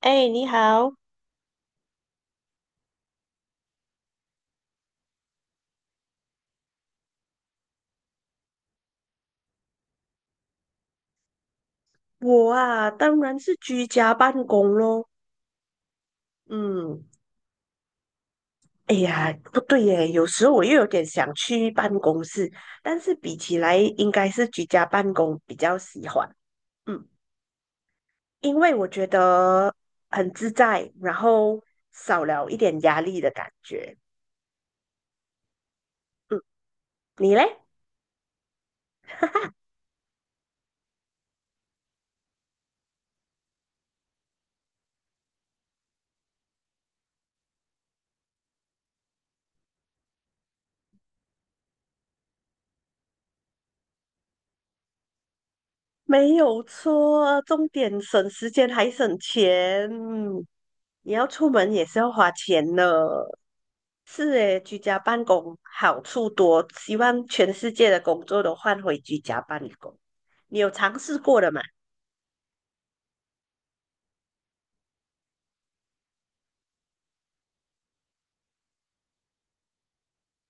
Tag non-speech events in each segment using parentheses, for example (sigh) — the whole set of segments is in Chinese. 哎，你好。我啊，当然是居家办公咯。嗯，哎呀，不对耶，有时候我又有点想去办公室，但是比起来，应该是居家办公比较喜欢。嗯，因为我觉得很自在，然后少了一点压力的感觉。嗯，你嘞？没有错，重点省时间还省钱。嗯，你要出门也是要花钱呢。是诶，居家办公好处多，希望全世界的工作都换回居家办公。你有尝试过的吗？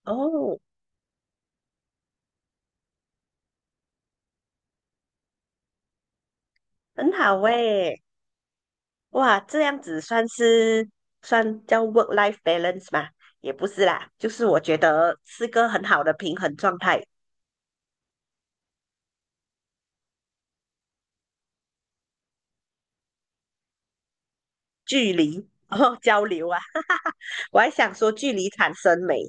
哦，很好诶。哇，这样子算是算叫 work-life balance 吗？也不是啦，就是我觉得是个很好的平衡状态。距离 (laughs) 哦交流啊，我还想说距离产生美。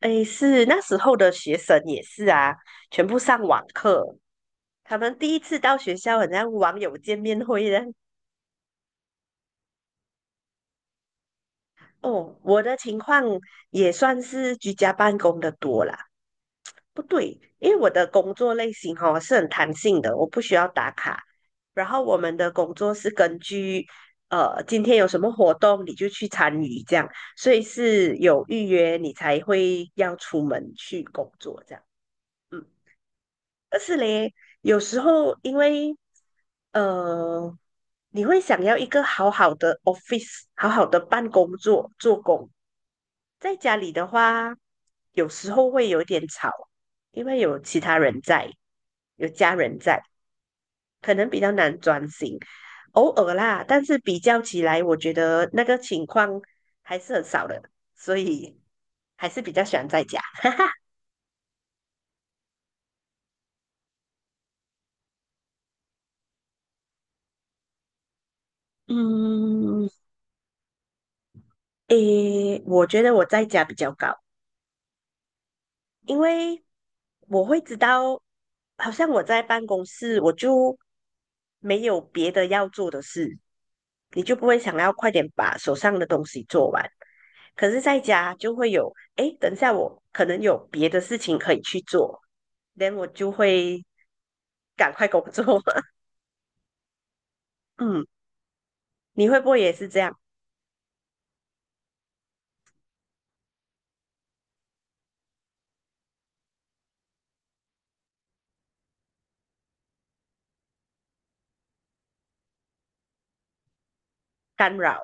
诶，是那时候的学生也是啊，全部上网课，他们第一次到学校，很像网友见面会的。哦，我的情况也算是居家办公的多啦。不对，因为我的工作类型哈、是很弹性的，我不需要打卡。然后我们的工作是根据今天有什么活动你就去参与这样，所以是有预约你才会要出门去工作这样。嗯，但是嘞，有时候因为呃你会想要一个好好的 office，好好的办公桌做工。在家里的话，有时候会有点吵，因为有其他人在，有家人在，可能比较难专心。偶尔啦，但是比较起来，我觉得那个情况还是很少的，所以还是比较喜欢在家。(laughs) 嗯，诶，我觉得我在家比较高，因为我会知道，好像我在办公室，我就没有别的要做的事，你就不会想要快点把手上的东西做完。可是在家就会有，哎，等一下我可能有别的事情可以去做，then 我就会赶快工作。(laughs) 嗯，你会不会也是这样干扰？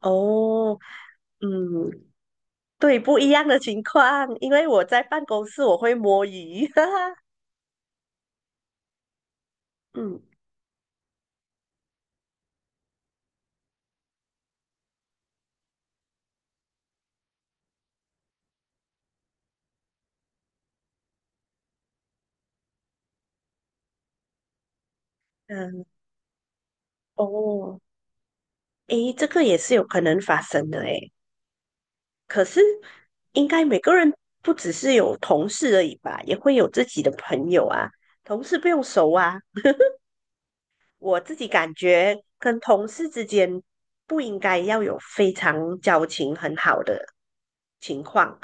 哦，嗯，对，不一样的情况，因为我在办公室我会摸鱼。(laughs) 哈哈，嗯嗯，哦。诶，这个也是有可能发生的诶。可是，应该每个人不只是有同事而已吧，也会有自己的朋友啊。同事不用熟啊，我自己感觉跟同事之间不应该要有非常交情很好的情况。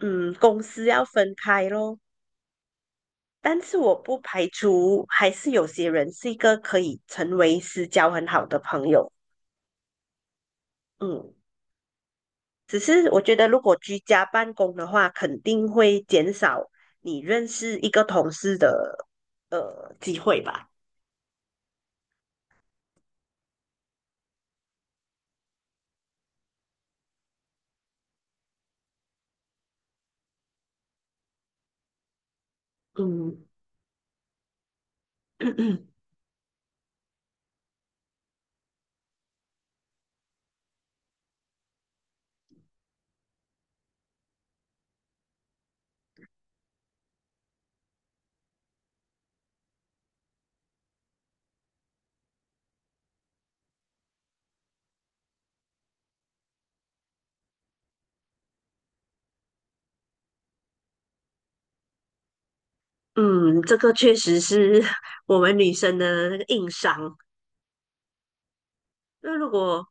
嗯，公司要分开咯。但是我不排除还是有些人是一个可以成为私交很好的朋友。嗯。只是我觉得，如果居家办公的话，肯定会减少你认识一个同事的机会吧。嗯 (coughs) (clears throat) 嗯，这个确实是 (laughs) 我们女生的那个硬伤。那如果，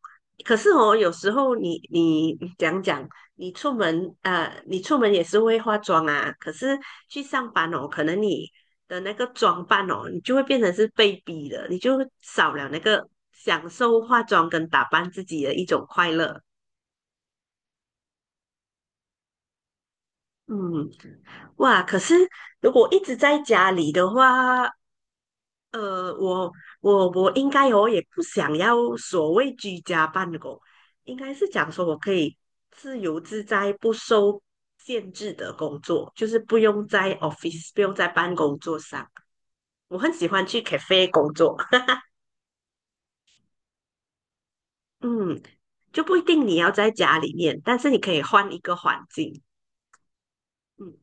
可是哦，有时候你讲讲，你出门，你出门也是会化妆啊，可是去上班哦，可能你的那个装扮哦，你就会变成是被逼的，你就少了那个享受化妆跟打扮自己的一种快乐。嗯，哇，可是如果一直在家里的话，呃，我我应该我也不想要所谓居家办公，应该是讲说我可以自由自在、不受限制的工作，就是不用在 office，不用在办公桌上。我很喜欢去 cafe 工作。(laughs) 嗯，就不一定你要在家里面，但是你可以换一个环境。嗯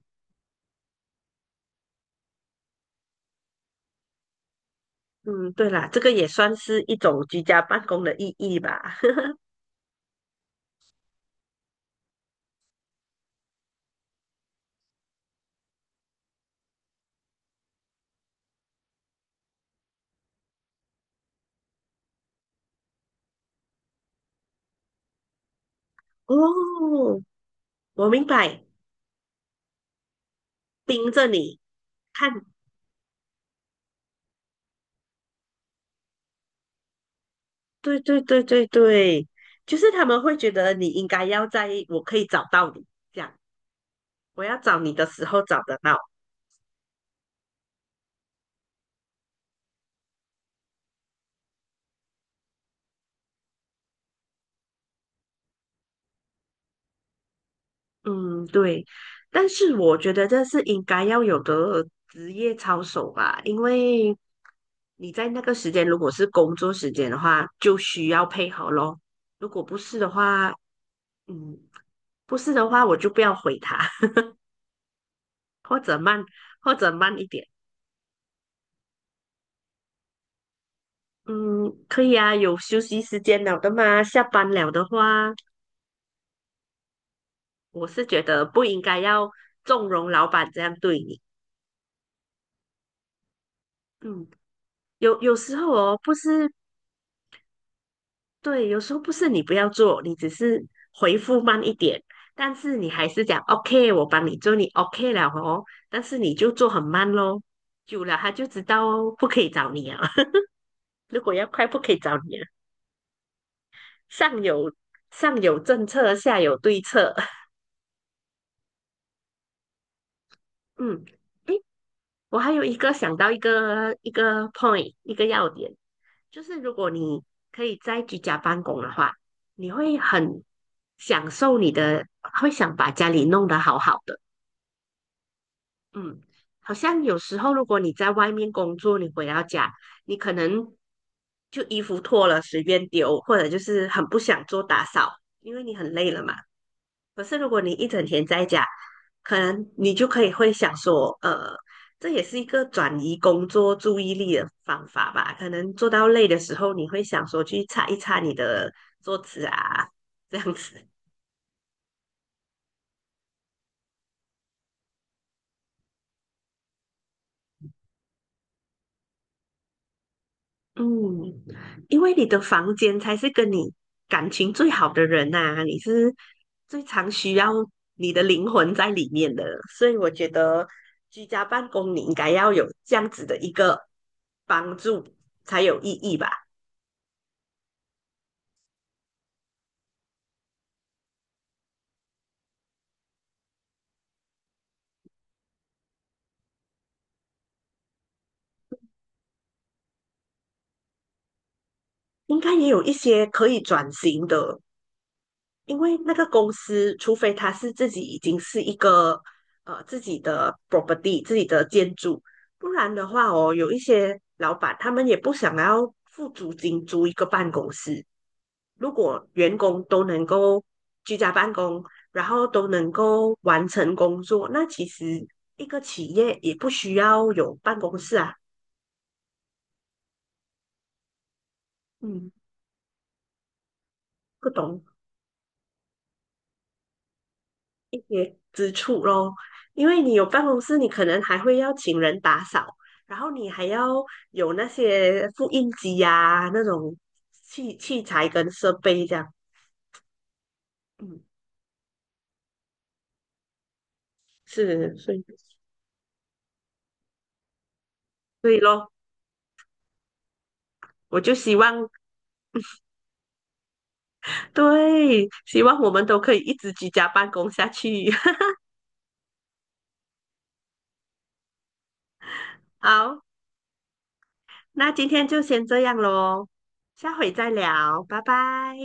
嗯，对啦，这个也算是一种居家办公的意义吧。(laughs) 哦，我明白，盯着你看。对对对对对，就是他们会觉得你应该要在，我可以找到你，这样我要找你的时候找得到。嗯，对。但是我觉得这是应该要有的职业操守吧，因为你在那个时间如果是工作时间的话，就需要配合咯。如果不是的话，嗯，不是的话我就不要回他。(laughs) 或者慢，或者慢一点。嗯，可以啊，有休息时间了的嘛。下班了的话，我是觉得不应该要纵容老板这样对你。嗯，有有时候哦，不是，对，有时候不是你不要做，你只是回复慢一点，但是你还是讲 OK，我帮你做，你 OK 了哦，但是你就做很慢咯，久了他就知道哦，不可以找你啊。(laughs) 如果要快，不可以找你啊。上有上有政策，下有对策。(laughs) 嗯。诶我还有一个想到一个 point 一个要点，就是如果你可以在居家办公的话，你会很享受你的，会想把家里弄得好好的。嗯，好像有时候如果你在外面工作，你回到家，你可能就衣服脱了随便丢，或者就是很不想做打扫，因为你很累了嘛。可是如果你一整天在家，可能你就可以会想说，呃，这也是一个转移工作注意力的方法吧？可能做到累的时候，你会想说去擦一擦你的桌子啊，这样子。嗯，因为你的房间才是跟你感情最好的人呐、你是最常需要你的灵魂在里面的，所以我觉得居家办公你应该要有这样子的一个帮助才有意义吧。应该也有一些可以转型的，因为那个公司，除非他是自己已经是一个自己的 property、自己的建筑，不然的话哦，有一些老板他们也不想要付租金租一个办公室。如果员工都能够居家办公，然后都能够完成工作，那其实一个企业也不需要有办公室啊。嗯，不懂。之处咯。因为你有办公室，你可能还会要请人打扫，然后你还要有那些复印机呀、那种器材跟设备这样。嗯，是，所以所以咯，我就希望，对，希望我们都可以一直居家办公下去。(laughs) 好，那今天就先这样咯，下回再聊，拜拜。